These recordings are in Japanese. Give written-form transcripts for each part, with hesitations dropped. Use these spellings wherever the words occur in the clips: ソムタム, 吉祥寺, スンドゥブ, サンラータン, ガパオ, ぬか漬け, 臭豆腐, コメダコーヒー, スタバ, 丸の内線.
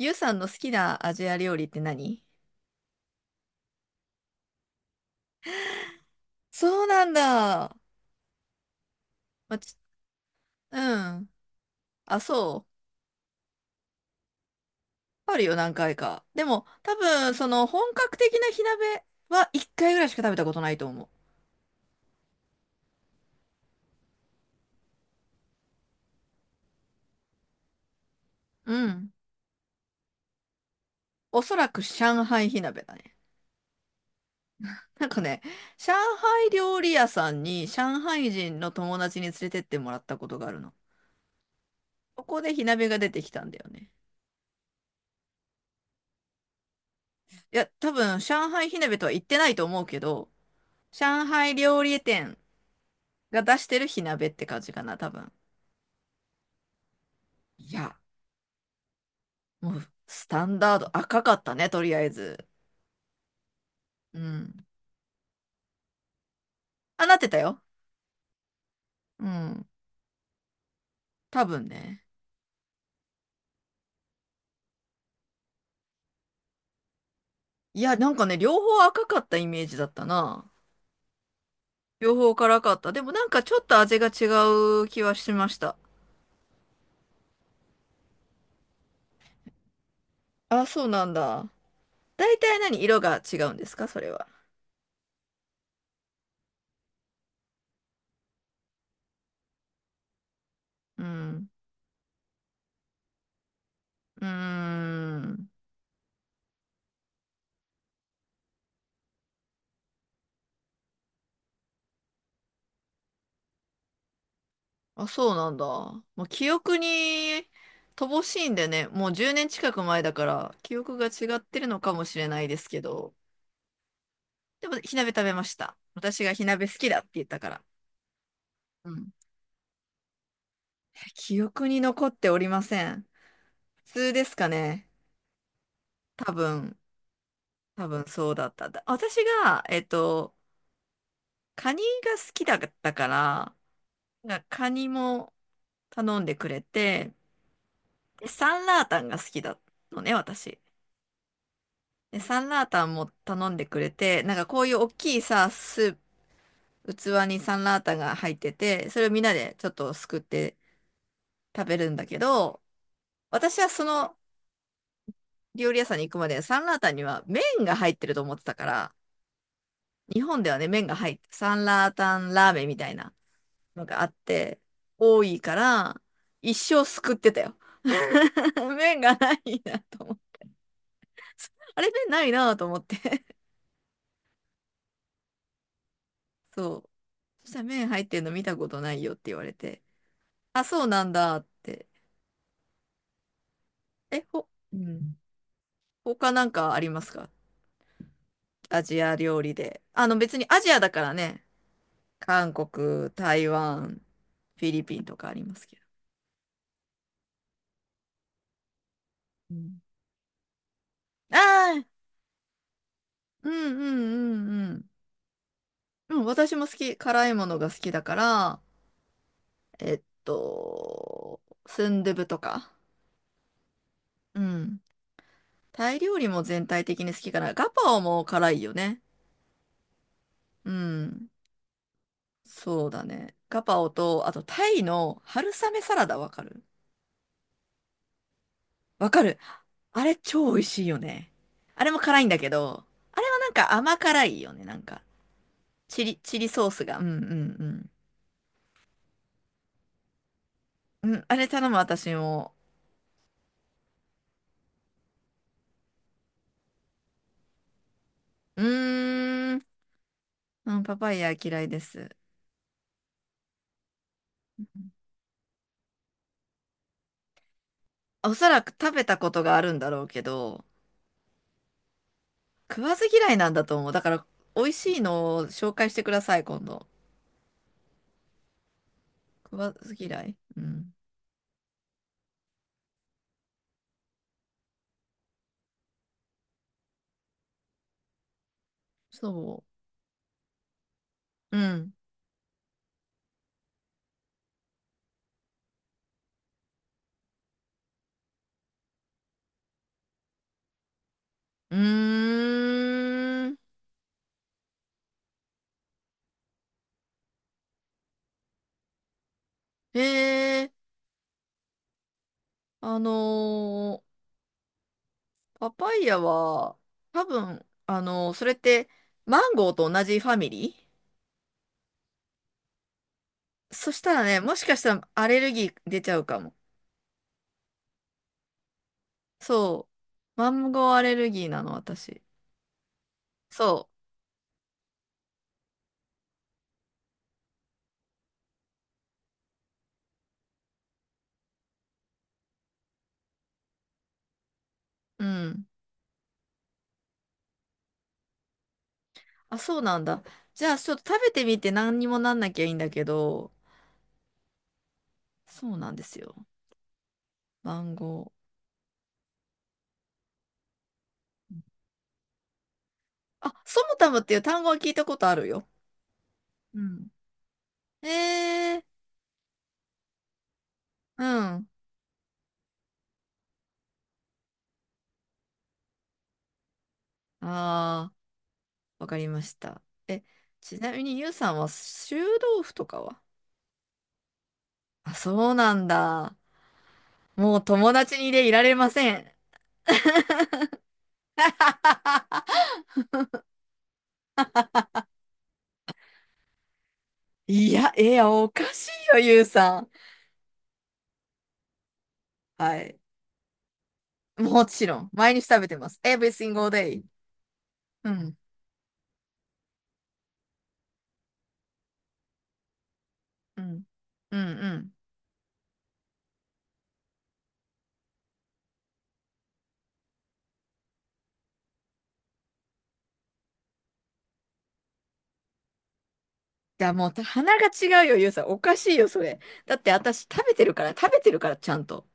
ゆうさんの好きなアジア料理って何？そうなんだ。まあちうん。あ、そう。あるよ、何回か。でも、多分、本格的な火鍋は一回ぐらいしか食べたことないと思う。うん。おそらく上海火鍋だね。なんかね、上海料理屋さんに上海人の友達に連れてってもらったことがあるの。そこで火鍋が出てきたんだよね。いや、多分、上海火鍋とは言ってないと思うけど、上海料理店が出してる火鍋って感じかな、多分。いや、もう、スタンダード、赤かったね、とりあえず。うん。あ、なってたよ。うん。多分ね。いや、なんかね、両方赤かったイメージだったな。両方辛かった。でもなんかちょっと味が違う気はしました。あ、そうなんだ。大体何色が違うんですか、それは。うん。うーん。あ、そうなんだ。もう記憶に乏しいんでね、もう10年近く前だから、記憶が違ってるのかもしれないですけど、でも、火鍋食べました。私が火鍋好きだって言ったから。うん。記憶に残っておりません。普通ですかね。多分、多分そうだった。私が、カニが好きだったから、なんかカニも頼んでくれて、でサンラータンが好きだのね、私。で、サンラータンも頼んでくれて、なんかこういう大きいさ、スープ、器にサンラータンが入ってて、それをみんなでちょっとすくって食べるんだけど、私はその料理屋さんに行くまでサンラータンには麺が入ってると思ってたから、日本ではね、麺が入って、サンラータンラーメンみたいなのがあって、多いから、一生すくってたよ。麺がないなと思って。あれ、麺ないなと思って。そう。そしたら麺入ってるの見たことないよって言われて。あ、そうなんだって。え、ほ、うん。他なんかありますか、アジア料理で？別にアジアだからね。韓国、台湾、フィリピンとかありますけど。うん、ああ、うんうんうんうん。うん、私も好き、辛いものが好きだから、スンドゥブとか。うん。タイ料理も全体的に好きかな。ガパオも辛いよね。うん。そうだね。ガパオと、あとタイの春雨サラダわかるわかる。あれ超美味しいよね。あれも辛いんだけど、あれはなんか甘辛いよね。なんか、チリソースが。うんうんうん。うん、あれ頼む私も。うーん、うん、パパイヤ嫌いです。おそらく食べたことがあるんだろうけど、食わず嫌いなんだと思う。だから、美味しいのを紹介してください、今度。食わず嫌い。うん。そう。うん。うーん。えー、あのーパパイヤは、多分、それって、マンゴーと同じファミリー。そしたらね、もしかしたらアレルギー出ちゃうかも。そう。マンゴーアレルギーなの、私。そう。うん。あ、そうなんだ。じゃあ、ちょっと食べてみて何にもなんなきゃいいんだけど、そうなんですよ。マンゴー。あ、ソムタムっていう単語は聞いたことあるよ。うん。えー、うん。ああ。わかりました。え、ちなみにゆうさんは臭豆腐とかは？あ、そうなんだ。もう友達にでいられません。いや、いや、おかしいよ、ゆうさん。はい。もちろん、毎日食べてます。Every single day。うん、うん、うん、うん。いや、もう、鼻が違うよ、ゆうさん。おかしいよ、それ。だって、私、食べてるから、食べてるから、ちゃんと。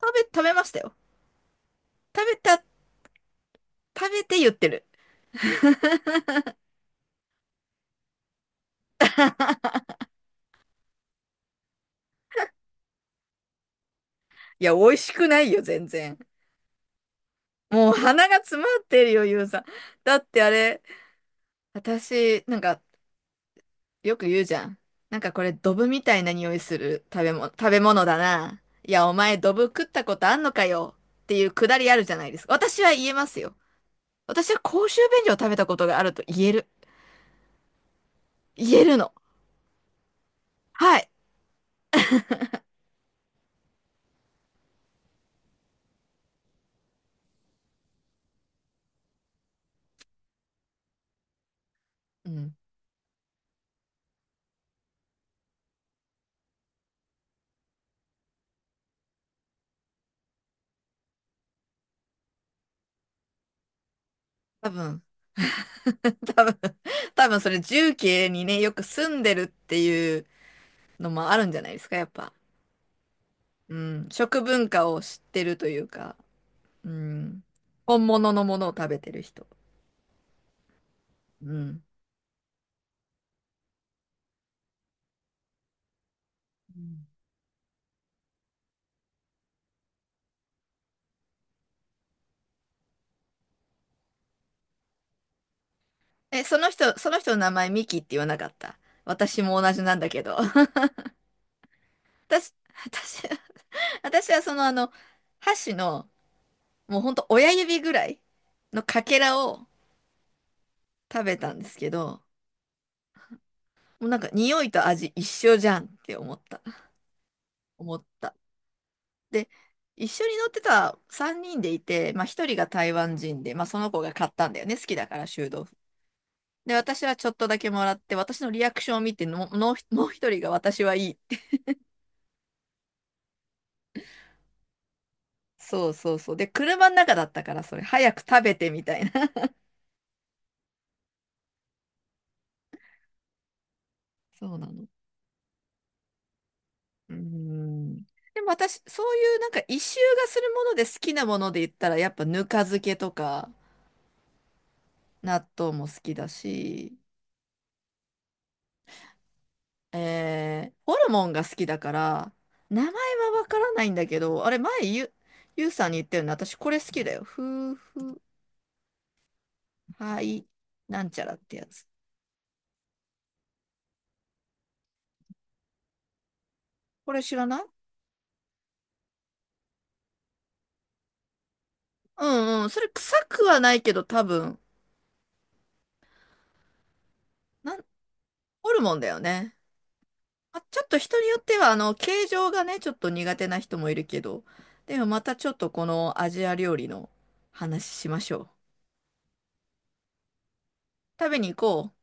食べましたよ。食べた、食べて言ってる。いや、美味しくないよ、全然。もう鼻が詰まってるよ、ゆうさん。だってあれ、私、なんか、よく言うじゃん。なんかこれ、ドブみたいな匂いする食べ物、食べ物だな。いや、お前、ドブ食ったことあんのかよ。っていうくだりあるじゃないですか。私は言えますよ。私は公衆便所を食べたことがあると言える。言えるの。はい。うん。多分、多分、多分それ、重慶にね、よく住んでるっていうのもあるんじゃないですか、やっぱ。うん。食文化を知ってるというか。うん。本物のものを食べてる人。うん。うん。え、その人の名前ミキって言わなかった？私も同じなんだけど。私、私、私は箸の、もうほんと親指ぐらいのかけらを食べたんですけど、もうなんか匂いと味一緒じゃんって思った。思った。で、一緒に乗ってた3人でいて、まあ1人が台湾人で、まあその子が買ったんだよね。好きだから、臭豆腐。で、私はちょっとだけもらって、私のリアクションを見ての、もうもう一人が私はいいって。そうそうそう。で、車の中だったから、それ、早く食べてみたいな。そうなの。うーん。でも私、そういうなんか一周がするもので好きなもので言ったら、やっぱぬか漬けとか、納豆も好きだし、ホルモンが好きだから、名前はわからないんだけど、あれ、前、ゆうさんに言ったよね。私、これ好きだよ。夫婦、はい、なんちゃらってやつ。これ知らない？うんうん。それ臭くはないけど多分、なん、ホルモンだよね。あ、ちょっと人によっては、形状がね、ちょっと苦手な人もいるけど。でもまたちょっとこのアジア料理の話しましょう。食べに行こう。